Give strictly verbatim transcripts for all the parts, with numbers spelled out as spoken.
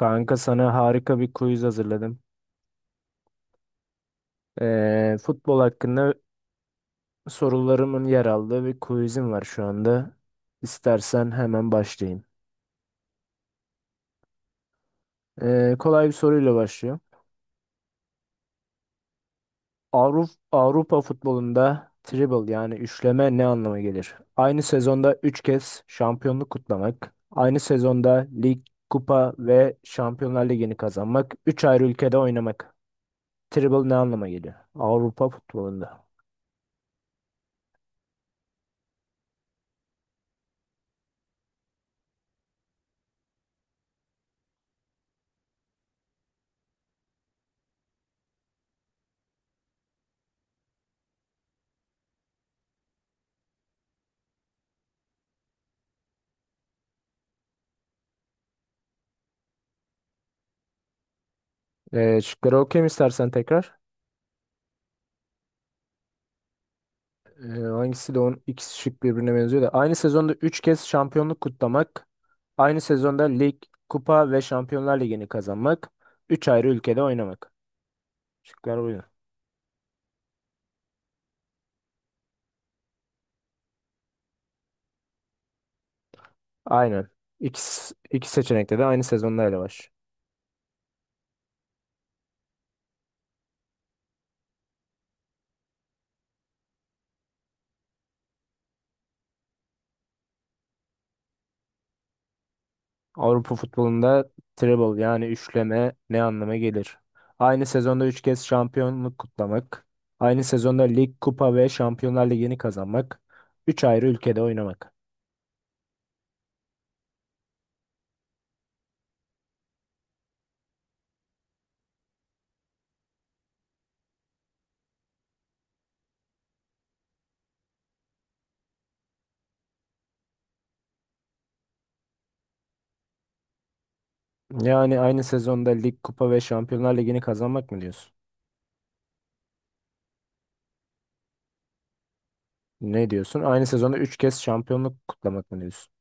Kanka sana harika bir quiz hazırladım. Ee, futbol hakkında sorularımın yer aldığı bir quizim var şu anda. İstersen hemen başlayayım. Ee, kolay bir soruyla başlıyor. Avrupa, Avrupa futbolunda treble yani üçleme ne anlama gelir? Aynı sezonda üç kez şampiyonluk kutlamak, aynı sezonda lig, kupa ve Şampiyonlar Ligi'ni kazanmak, üç ayrı ülkede oynamak. Treble ne anlama geliyor? Avrupa futbolunda. Ee, şıkları okuyayım istersen tekrar. Ee, hangisi de on ikisi şık birbirine benziyor da. Aynı sezonda üç kez şampiyonluk kutlamak. Aynı sezonda lig, kupa ve Şampiyonlar Ligi'ni kazanmak. Üç ayrı ülkede oynamak. Şıklar buydu. Aynen. İki, s- iki seçenekte de aynı sezonda ele var. Avrupa futbolunda treble yani üçleme ne anlama gelir? Aynı sezonda üç kez şampiyonluk kutlamak. Aynı sezonda lig, kupa ve Şampiyonlar Ligi'ni kazanmak. Üç ayrı ülkede oynamak. Yani aynı sezonda lig, kupa ve Şampiyonlar Ligi'ni kazanmak mı diyorsun? Ne diyorsun? Aynı sezonda üç kez şampiyonluk kutlamak mı diyorsun?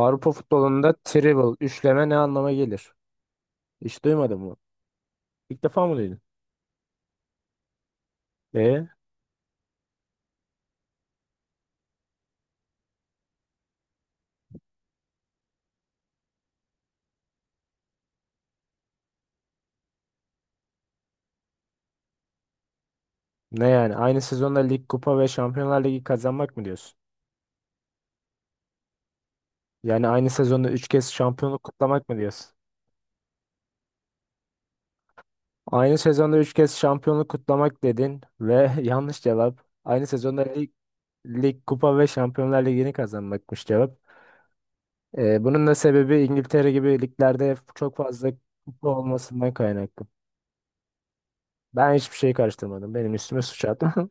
Avrupa futbolunda treble, üçleme ne anlama gelir? Hiç duymadın mı? İlk defa mı duydun? E ne yani? Aynı sezonda lig, kupa ve Şampiyonlar Ligi kazanmak mı diyorsun? Yani aynı sezonda üç kez şampiyonluk kutlamak mı diyorsun? Aynı sezonda üç kez şampiyonluk kutlamak dedin ve yanlış cevap. Aynı sezonda lig, lig, kupa ve Şampiyonlar Ligi'ni kazanmakmış cevap. Ee, bunun da sebebi İngiltere gibi liglerde çok fazla kupa olmasından kaynaklı. Ben hiçbir şey karıştırmadım. Benim üstüme suç attı.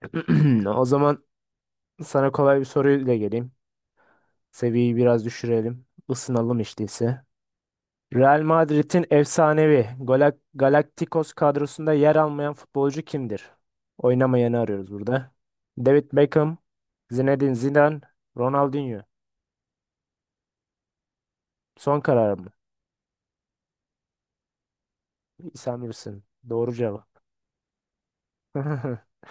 O zaman sana kolay bir soruyla geleyim. Seviyeyi biraz düşürelim. Isınalım hiç değilse. Real Madrid'in efsanevi Galak- Galacticos kadrosunda yer almayan futbolcu kimdir? Oynamayanı arıyoruz burada. David Beckham, Zinedine Zidane, Ronaldinho. Son karar mı? Sen bilirsin. Doğru cevap.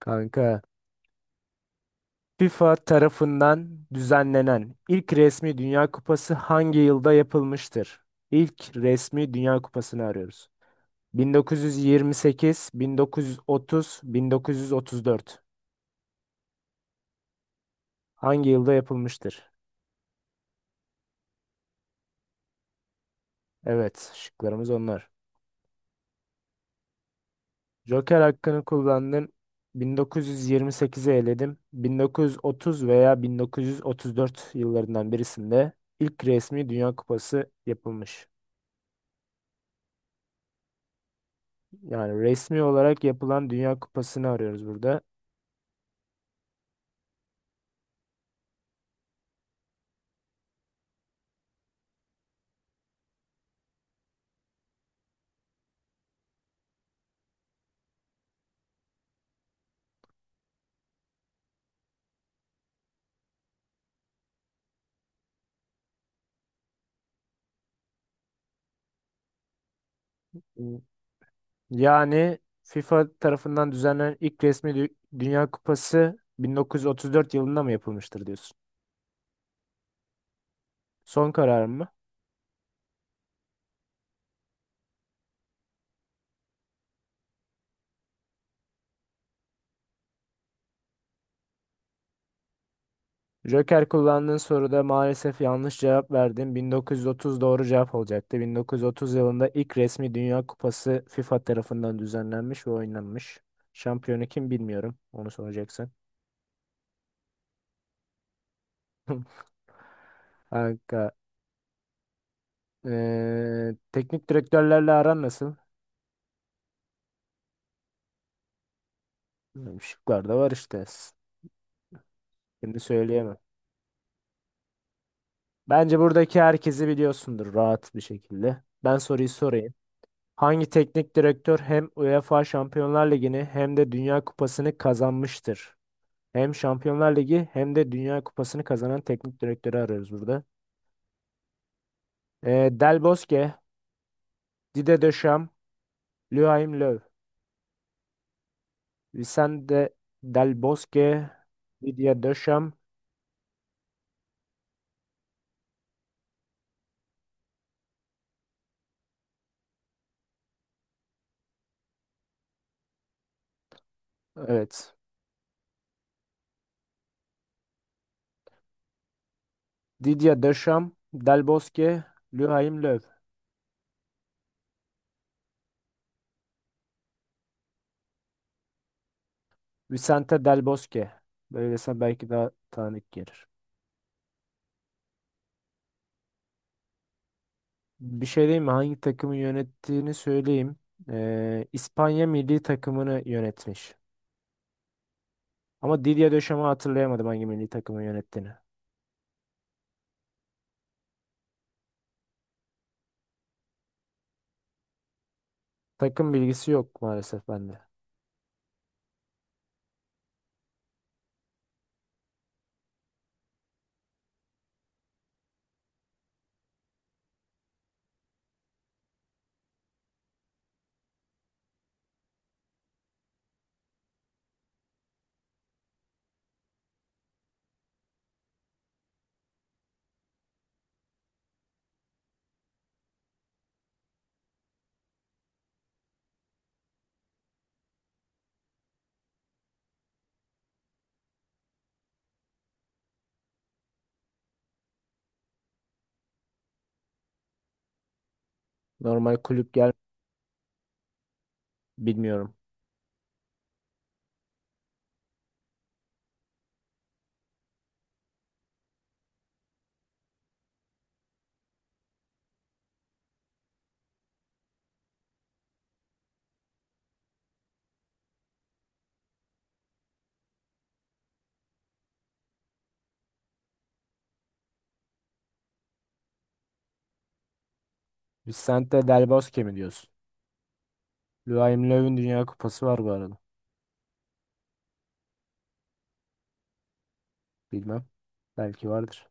Kanka. FIFA tarafından düzenlenen ilk resmi Dünya Kupası hangi yılda yapılmıştır? İlk resmi Dünya Kupası'nı arıyoruz. bin dokuz yüz yirmi sekiz, bin dokuz yüz otuz, bin dokuz yüz otuz dört. Hangi yılda yapılmıştır? Evet, şıklarımız onlar. Joker hakkını kullandın. bin dokuz yüz yirmi sekizi eledim. bin dokuz yüz otuz veya bin dokuz yüz otuz dört yıllarından birisinde ilk resmi Dünya Kupası yapılmış. Yani resmi olarak yapılan Dünya Kupası'nı arıyoruz burada. Yani FIFA tarafından düzenlenen ilk resmi dü- Dünya Kupası bin dokuz yüz otuz dört yılında mı yapılmıştır diyorsun? Son kararım mı? Joker kullandığın soruda maalesef yanlış cevap verdin. bin dokuz yüz otuz doğru cevap olacaktı. bin dokuz yüz otuz yılında ilk resmi Dünya Kupası FIFA tarafından düzenlenmiş ve oynanmış. Şampiyonu kim bilmiyorum. Onu soracaksın. Kanka, eee, teknik direktörlerle aran nasıl? Bilmiyorum, şıklar da var işte. Şimdi söyleyemem. Bence buradaki herkesi biliyorsundur rahat bir şekilde. Ben soruyu sorayım. Hangi teknik direktör hem UEFA Şampiyonlar Ligi'ni hem de Dünya Kupası'nı kazanmıştır? Hem Şampiyonlar Ligi hem de Dünya Kupası'nı kazanan teknik direktörü arıyoruz burada. Ee, Del Bosque, Didier Deschamps, Joachim Löw. Vicente Del Bosque, Didier Deschamps. Evet. Didier Deschamps, Del Bosque, Joachim Löw. Vicente Del Bosque. Böylese belki daha tanıdık gelir. Bir şey diyeyim mi? Hangi takımı yönettiğini söyleyeyim. Ee, İspanya milli takımını yönetmiş. Ama Didier Deschamps hatırlayamadım hangi milli takımı yönettiğini. Takım bilgisi yok maalesef bende. Normal kulüp gel bilmiyorum. Vicente Del Bosque mi diyorsun? Joachim Löw'ün Dünya Kupası var bu arada. Bilmem. Belki vardır.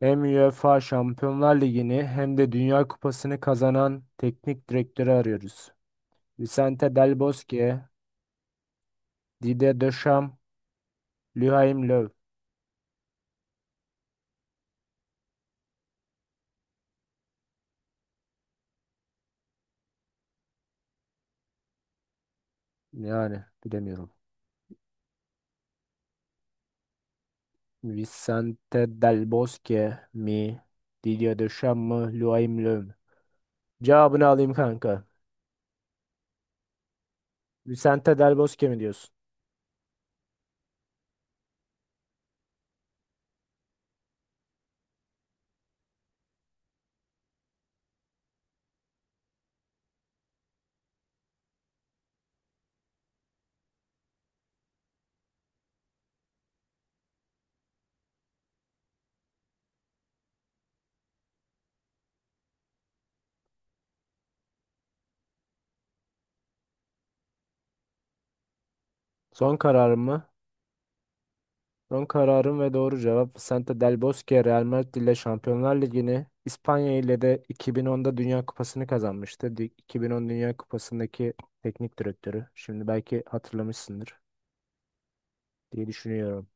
Hem UEFA Şampiyonlar Ligi'ni hem de Dünya Kupası'nı kazanan teknik direktörü arıyoruz. Vicente Del Bosque, Didier Deschamps, Luhaim Löw. Yani bilemiyorum. Vicente Del Bosque mi? Didier Deschamps mı? Luhaim Löw mü? Cevabını alayım kanka. Vicente Del Bosque mi diyorsun? Son kararım mı? Son kararım ve doğru cevap Vicente Del Bosque Real Madrid ile Şampiyonlar Ligi'ni İspanya ile de iki bin onda Dünya Kupası'nı kazanmıştı. Di- iki bin on Dünya Kupası'ndaki teknik direktörü. Şimdi belki hatırlamışsındır diye düşünüyorum.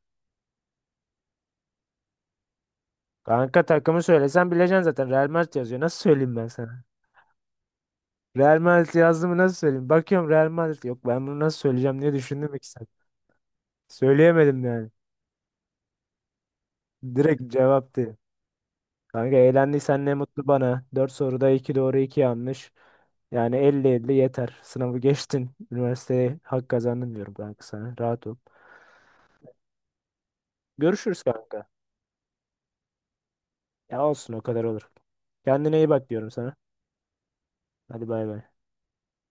Kanka takımı söylesen bileceksin zaten. Real Madrid yazıyor. Nasıl söyleyeyim ben sana? Real Madrid yazdı nasıl söyleyeyim? Bakıyorum Real Madrid. Yok ben bunu nasıl söyleyeceğim diye düşündüm iki saat. Söyleyemedim yani. Direkt cevaptı. Kanka eğlendiysen ne mutlu bana. Dört soruda iki doğru iki yanlış. Yani elli elli yeter. Sınavı geçtin. Üniversiteye hak kazandın diyorum kanka sana. Rahat ol. Görüşürüz kanka. Ya olsun o kadar olur. Kendine iyi bak diyorum sana. Hadi bay bay.